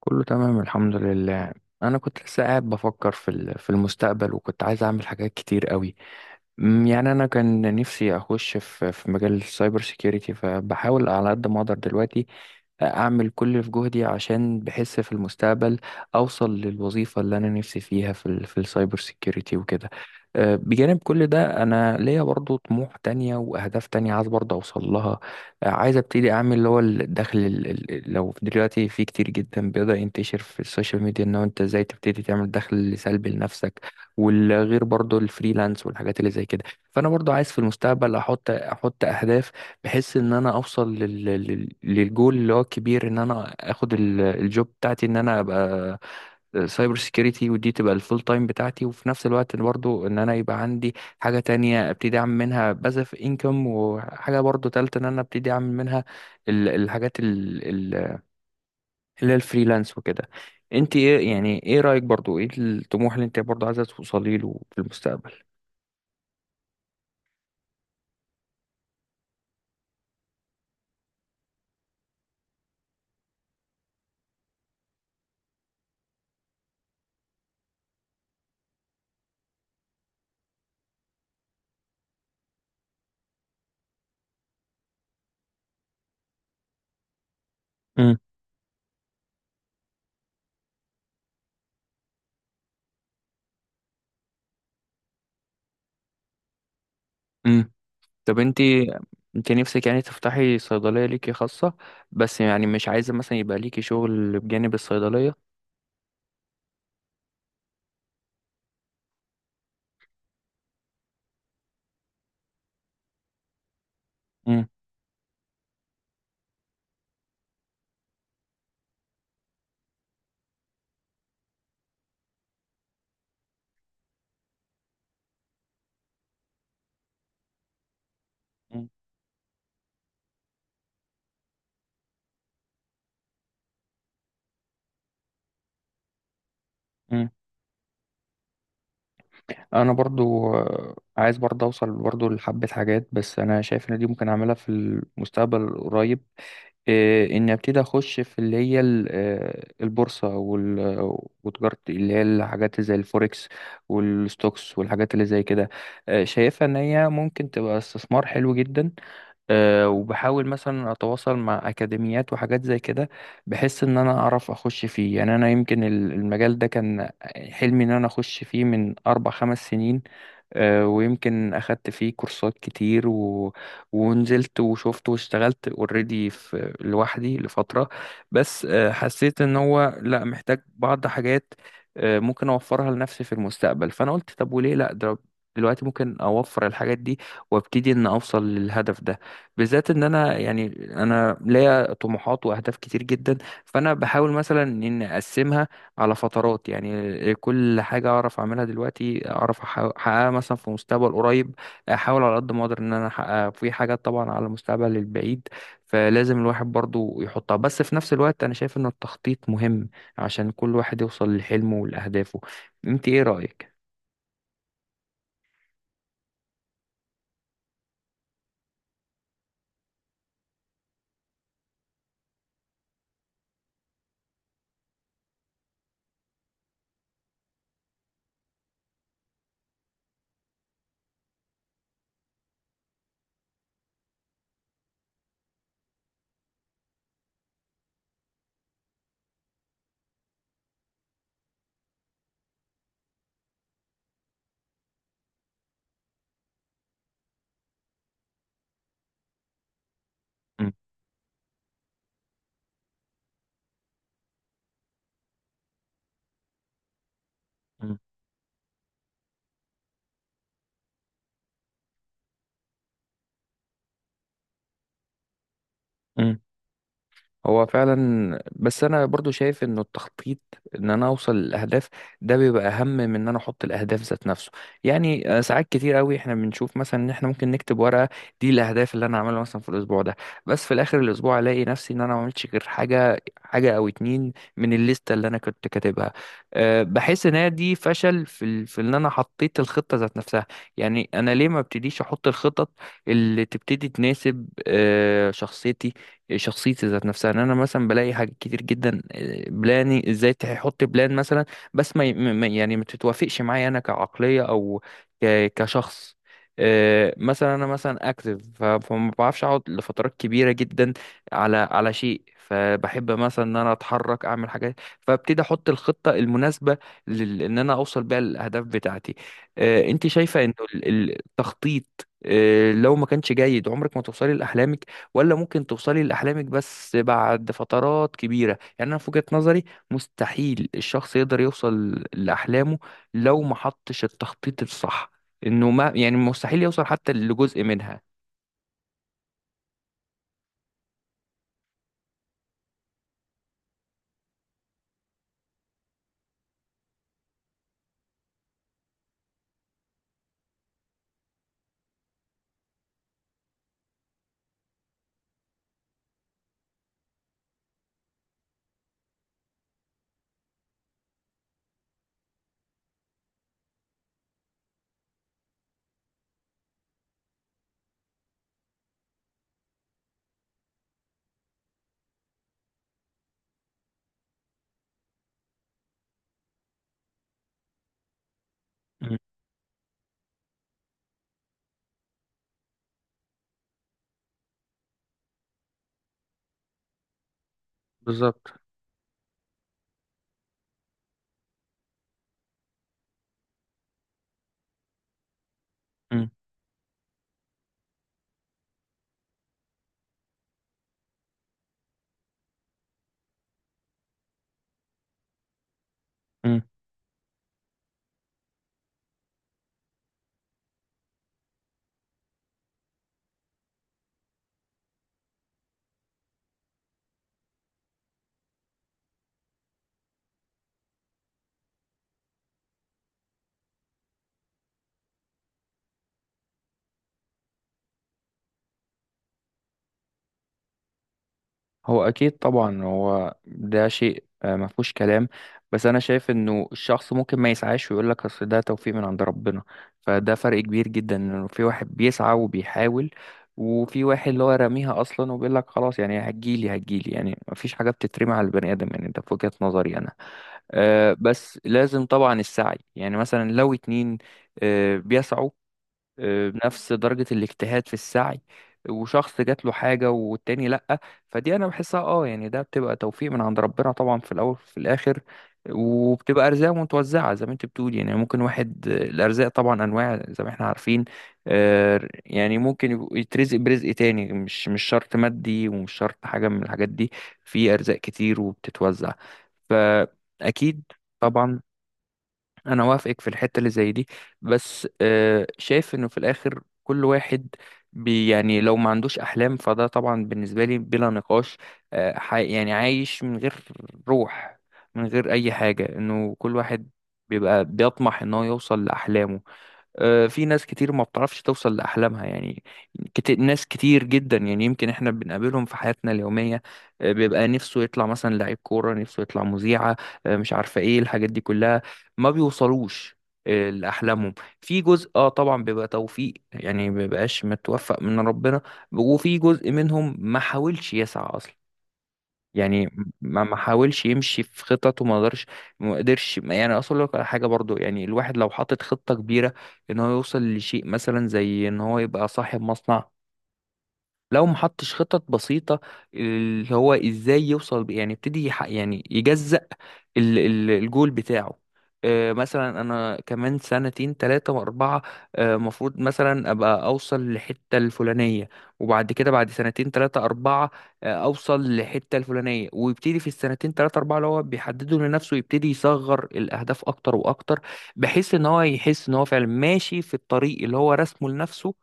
كله تمام الحمد لله. انا كنت لسه قاعد بفكر في المستقبل، وكنت عايز اعمل حاجات كتير قوي. يعني انا كان نفسي اخش في مجال السايبر سيكيورتي، فبحاول على قد ما اقدر دلوقتي اعمل كل اللي في جهدي، عشان بحس في المستقبل اوصل للوظيفه اللي انا نفسي فيها في السايبر سيكيورتي وكده. بجانب كل ده انا ليا برضو طموح تانية واهداف تانية عايز برضو اوصل لها. عايز ابتدي اعمل اللي هو لو دلوقتي في كتير جدا بيقدر ينتشر في السوشيال ميديا، ان هو انت ازاي تبتدي تعمل دخل سلبي لنفسك، والغير برضو الفريلانس والحاجات اللي زي كده. فانا برضو عايز في المستقبل احط اهداف، بحيث ان انا للجول اللي هو الكبير، ان انا اخد الجوب بتاعتي، ان انا ابقى سايبر سيكيورتي ودي تبقى الفول تايم بتاعتي، وفي نفس الوقت برضو ان انا يبقى عندي حاجة تانية ابتدي اعمل منها باسف انكم، وحاجة برضو تالتة ان انا ابتدي اعمل منها ال- الحاجات ال- ال- اللي هي الفريلانس وكده. انت ايه، يعني ايه رأيك برضو، ايه الطموح اللي انت برضو عايزة توصلي له في المستقبل؟ امم. امم. طب انت نفسك يعني تفتحي صيدلية ليكي خاصة، بس يعني مش عايزة مثلا يبقى ليكي شغل بجانب الصيدلية؟ امم. امم. امم. انا برضو عايز برضو اوصل برضو لحبة حاجات، بس انا شايف ان دي ممكن اعملها في المستقبل القريب. اني ابتدي اخش في اللي هي البورصة وتجارة اللي هي الحاجات زي الفوركس والستوكس والحاجات اللي زي كده. شايفها ان هي ممكن تبقى استثمار حلو جدا. وبحاول مثلا اتواصل مع اكاديميات وحاجات زي كده، بحيث ان انا اعرف اخش فيه. يعني انا يمكن المجال ده كان حلمي ان انا اخش فيه من 4 5 سنين. ويمكن أخدت فيه كورسات كتير ونزلت وشفت واشتغلت اوريدي في لوحدي لفترة، بس حسيت إن هو لأ، محتاج بعض حاجات ممكن أوفرها لنفسي في المستقبل. فأنا قلت طب وليه لأ، ده دلوقتي ممكن أوفر الحاجات دي، وابتدي إن أوصل للهدف ده، بالذات إن أنا يعني أنا ليا طموحات وأهداف كتير جدا. فأنا بحاول مثلا إن أقسمها على فترات، يعني كل حاجة أعرف أعملها دلوقتي أعرف أحققها مثلا في مستقبل قريب، أحاول على قد ما أقدر إن أنا أحققها في حاجات طبعا على المستقبل البعيد، فلازم الواحد برضو يحطها. بس في نفس الوقت أنا شايف إن التخطيط مهم عشان كل واحد يوصل لحلمه ولأهدافه. أنت إيه رأيك؟ مم. مم. هو فعلا، بس انا برضو شايف انه التخطيط ان انا اوصل للاهداف ده بيبقى اهم من ان انا احط الاهداف ذات نفسه. يعني ساعات كتير قوي احنا بنشوف مثلا ان احنا ممكن نكتب ورقه، دي الاهداف اللي انا هعملها مثلا في الاسبوع ده، بس في الاخر الاسبوع الاقي نفسي ان انا ما عملتش غير حاجه او اتنين من الليسته اللي انا كنت كاتبها. أه، بحس ان هي دي فشل في ان انا حطيت الخطه ذات نفسها. يعني انا ليه ما ابتديش احط الخطط اللي تبتدي تناسب أه شخصيتي، شخصيتي ذات نفسها، ان انا مثلا بلاقي حاجات كتير جدا بلاني ازاي تحط بلان مثلا، بس ما ي- ما- يعني ما تتوافقش معايا انا كعقلية او كشخص. مثلا انا مثلا اكتف، فما بعرفش اقعد لفترات كبيره جدا على شيء، فبحب مثلا ان انا اتحرك اعمل حاجات، فابتدي احط الخطه المناسبه ان انا اوصل بيها الاهداف بتاعتي. انت شايفه انه التخطيط لو ما كانش جيد عمرك ما توصلي لاحلامك؟ ولا ممكن توصلي لأحلامك بس بعد فترات كبيرة؟ يعني أنا في وجهة نظري مستحيل الشخص يقدر يوصل لأحلامه لو ما حطش التخطيط الصح، إنه ما يعني مستحيل يوصل حتى لجزء منها. مم، بالظبط. مم. مم. هو اكيد طبعا، هو ده شيء ما فيهوش كلام، بس انا شايف انه الشخص ممكن ما يسعاش ويقول لك اصل ده توفيق من عند ربنا، فده فرق كبير جدا، انه في واحد بيسعى وبيحاول، وفي واحد اللي هو راميها اصلا وبيقول لك خلاص، يعني هتجيلي هتجيلي. يعني ما فيش حاجه بتترمي على البني ادم، يعني ده في وجهه نظري انا. بس لازم طبعا السعي. يعني مثلا لو اتنين بيسعوا بنفس درجة الاجتهاد في السعي، وشخص جات له حاجة والتاني لأ، فدي أنا بحسها أه، يعني ده بتبقى توفيق من عند ربنا طبعا في الأول وفي الآخر. وبتبقى أرزاق متوزعة زي ما أنت بتقول، يعني ممكن واحد الأرزاق طبعا أنواع زي ما احنا عارفين. يعني ممكن يترزق برزق تاني، مش شرط مادي، ومش شرط حاجة من الحاجات دي، في أرزاق كتير وبتتوزع فأكيد. طبعا. انا وافقك في الحته اللي زي دي، بس شايف انه في الاخر كل واحد بي يعني لو ما عندوش احلام، فده طبعا بالنسبه لي بلا نقاش حي، يعني عايش من غير روح، من غير اي حاجه، انه كل واحد بيبقى بيطمح ان هو يوصل لاحلامه. في ناس كتير ما بتعرفش توصل لأحلامها، يعني كتير، ناس كتير جدا، يعني يمكن احنا بنقابلهم في حياتنا اليومية. بيبقى نفسه يطلع مثلا لعيب كورة، نفسه يطلع مذيعة مش عارفة ايه الحاجات دي كلها، ما بيوصلوش لأحلامهم. في جزء اه طبعا بيبقى توفيق، يعني ما بيبقاش متوفق من ربنا، وفي جزء منهم ما حاولش يسعى أصلا، يعني ما حاولش يمشي في خطط وما قدرش، ما قدرش يعني اصل لك على حاجه. برضو يعني الواحد لو حاطط خطه كبيره ان هو يوصل لشيء مثلا زي ان هو يبقى صاحب مصنع، لو محطش خطط بسيطة، اللي هو ازاي يوصل، يعني يبتدي يعني يجزأ الجول بتاعه. مثلا انا كمان سنتين 3 و4 مفروض مثلا ابقى اوصل لحتة الفلانية، وبعد كده بعد سنتين 3 4 اوصل لحتة الفلانية. ويبتدي في السنتين 3 4 اللي هو بيحدده لنفسه يبتدي يصغر الاهداف اكتر واكتر، بحيث ان هو يحس ان هو فعلا ماشي في الطريق اللي هو رسمه لنفسه.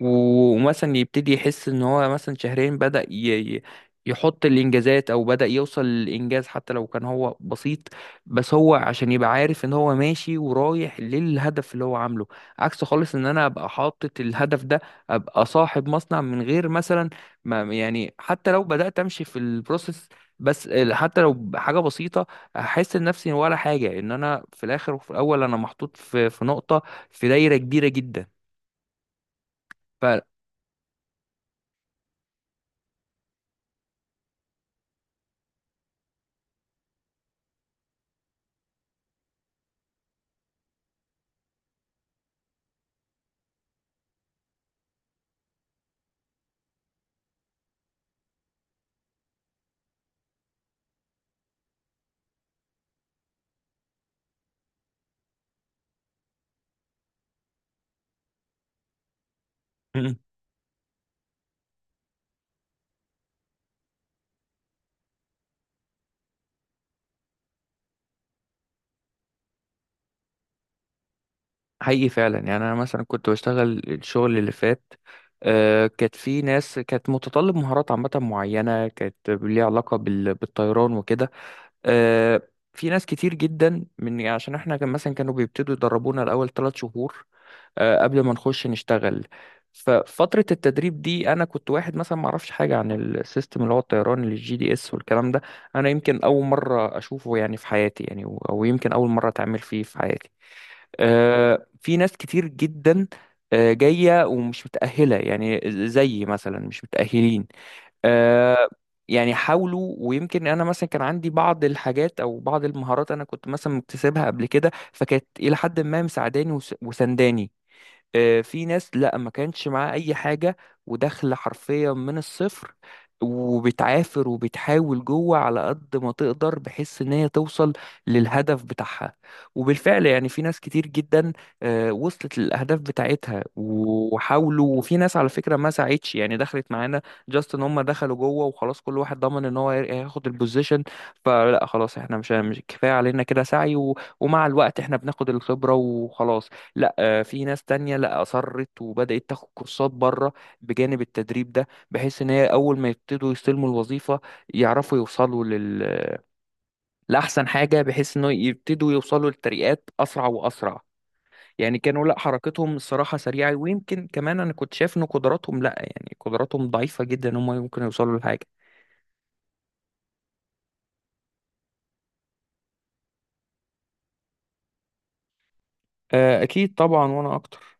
ومثلا يبتدي يحس ان هو مثلا شهرين بدأ يحط الانجازات، او بدأ يوصل للانجاز حتى لو كان هو بسيط، بس هو عشان يبقى عارف ان هو ماشي ورايح للهدف اللي هو عامله. عكس خالص ان انا ابقى حاطط الهدف ده، ابقى صاحب مصنع من غير مثلا ما يعني، حتى لو بدأت امشي في البروسيس بس حتى لو حاجة بسيطة، احس نفسي ولا حاجة، ان انا في الاخر وفي الاول انا محطوط في في نقطة في دايرة كبيرة جدا. ف حقيقي فعلا. يعني انا مثلا كنت بشتغل الشغل اللي فات، كانت في ناس كانت متطلب مهارات عامة معينة، كانت ليها علاقة بالطيران وكده. آه، في ناس كتير جدا من يعني، عشان احنا كان مثلا كانوا بيبتدوا يدربونا الأول 3 شهور قبل ما نخش نشتغل. ففترة التدريب دي أنا كنت واحد مثلا ما أعرفش حاجة عن السيستم اللي هو الطيران، اللي الجي دي اس والكلام ده، أنا يمكن أول مرة أشوفه يعني في حياتي، يعني أو يمكن أول مرة أتعامل فيه في حياتي. في ناس كتير جدا جاية ومش متأهلة، يعني زي مثلا مش متأهلين آه، يعني حاولوا. ويمكن أنا مثلا كان عندي بعض الحاجات أو بعض المهارات أنا كنت مثلا مكتسبها قبل كده، فكانت إلى حد ما مساعداني وسنداني. في ناس لا ما كانش معاه اي حاجه، وداخله حرفيا من الصفر وبتعافر وبتحاول جوه على قد ما تقدر، بحيث ان هي توصل للهدف بتاعها. وبالفعل يعني في ناس كتير جدا وصلت للاهداف بتاعتها وحاولوا. وفي ناس على فكره ما ساعدش، يعني دخلت معانا جاست ان هم دخلوا جوه وخلاص، كل واحد ضمن ان هو هياخد البوزيشن. فلا خلاص احنا مش كفايه علينا كده سعي، ومع الوقت احنا بناخد الخبره وخلاص. لا في ناس تانية لا، أصرت وبدأت تاخد كورسات بره بجانب التدريب ده، بحيث إن هي أول ما يبتدوا يستلموا الوظيفة يعرفوا لأحسن حاجة، بحيث إنه يبتدوا يوصلوا للترقيات أسرع وأسرع. يعني كانوا لا حركتهم الصراحة سريعة، ويمكن كمان أنا كنت شايف إن قدراتهم لا، يعني قدراتهم ضعيفة جدا إن هم ممكن يوصلوا لحاجة. أكيد طبعا، وأنا أكتر.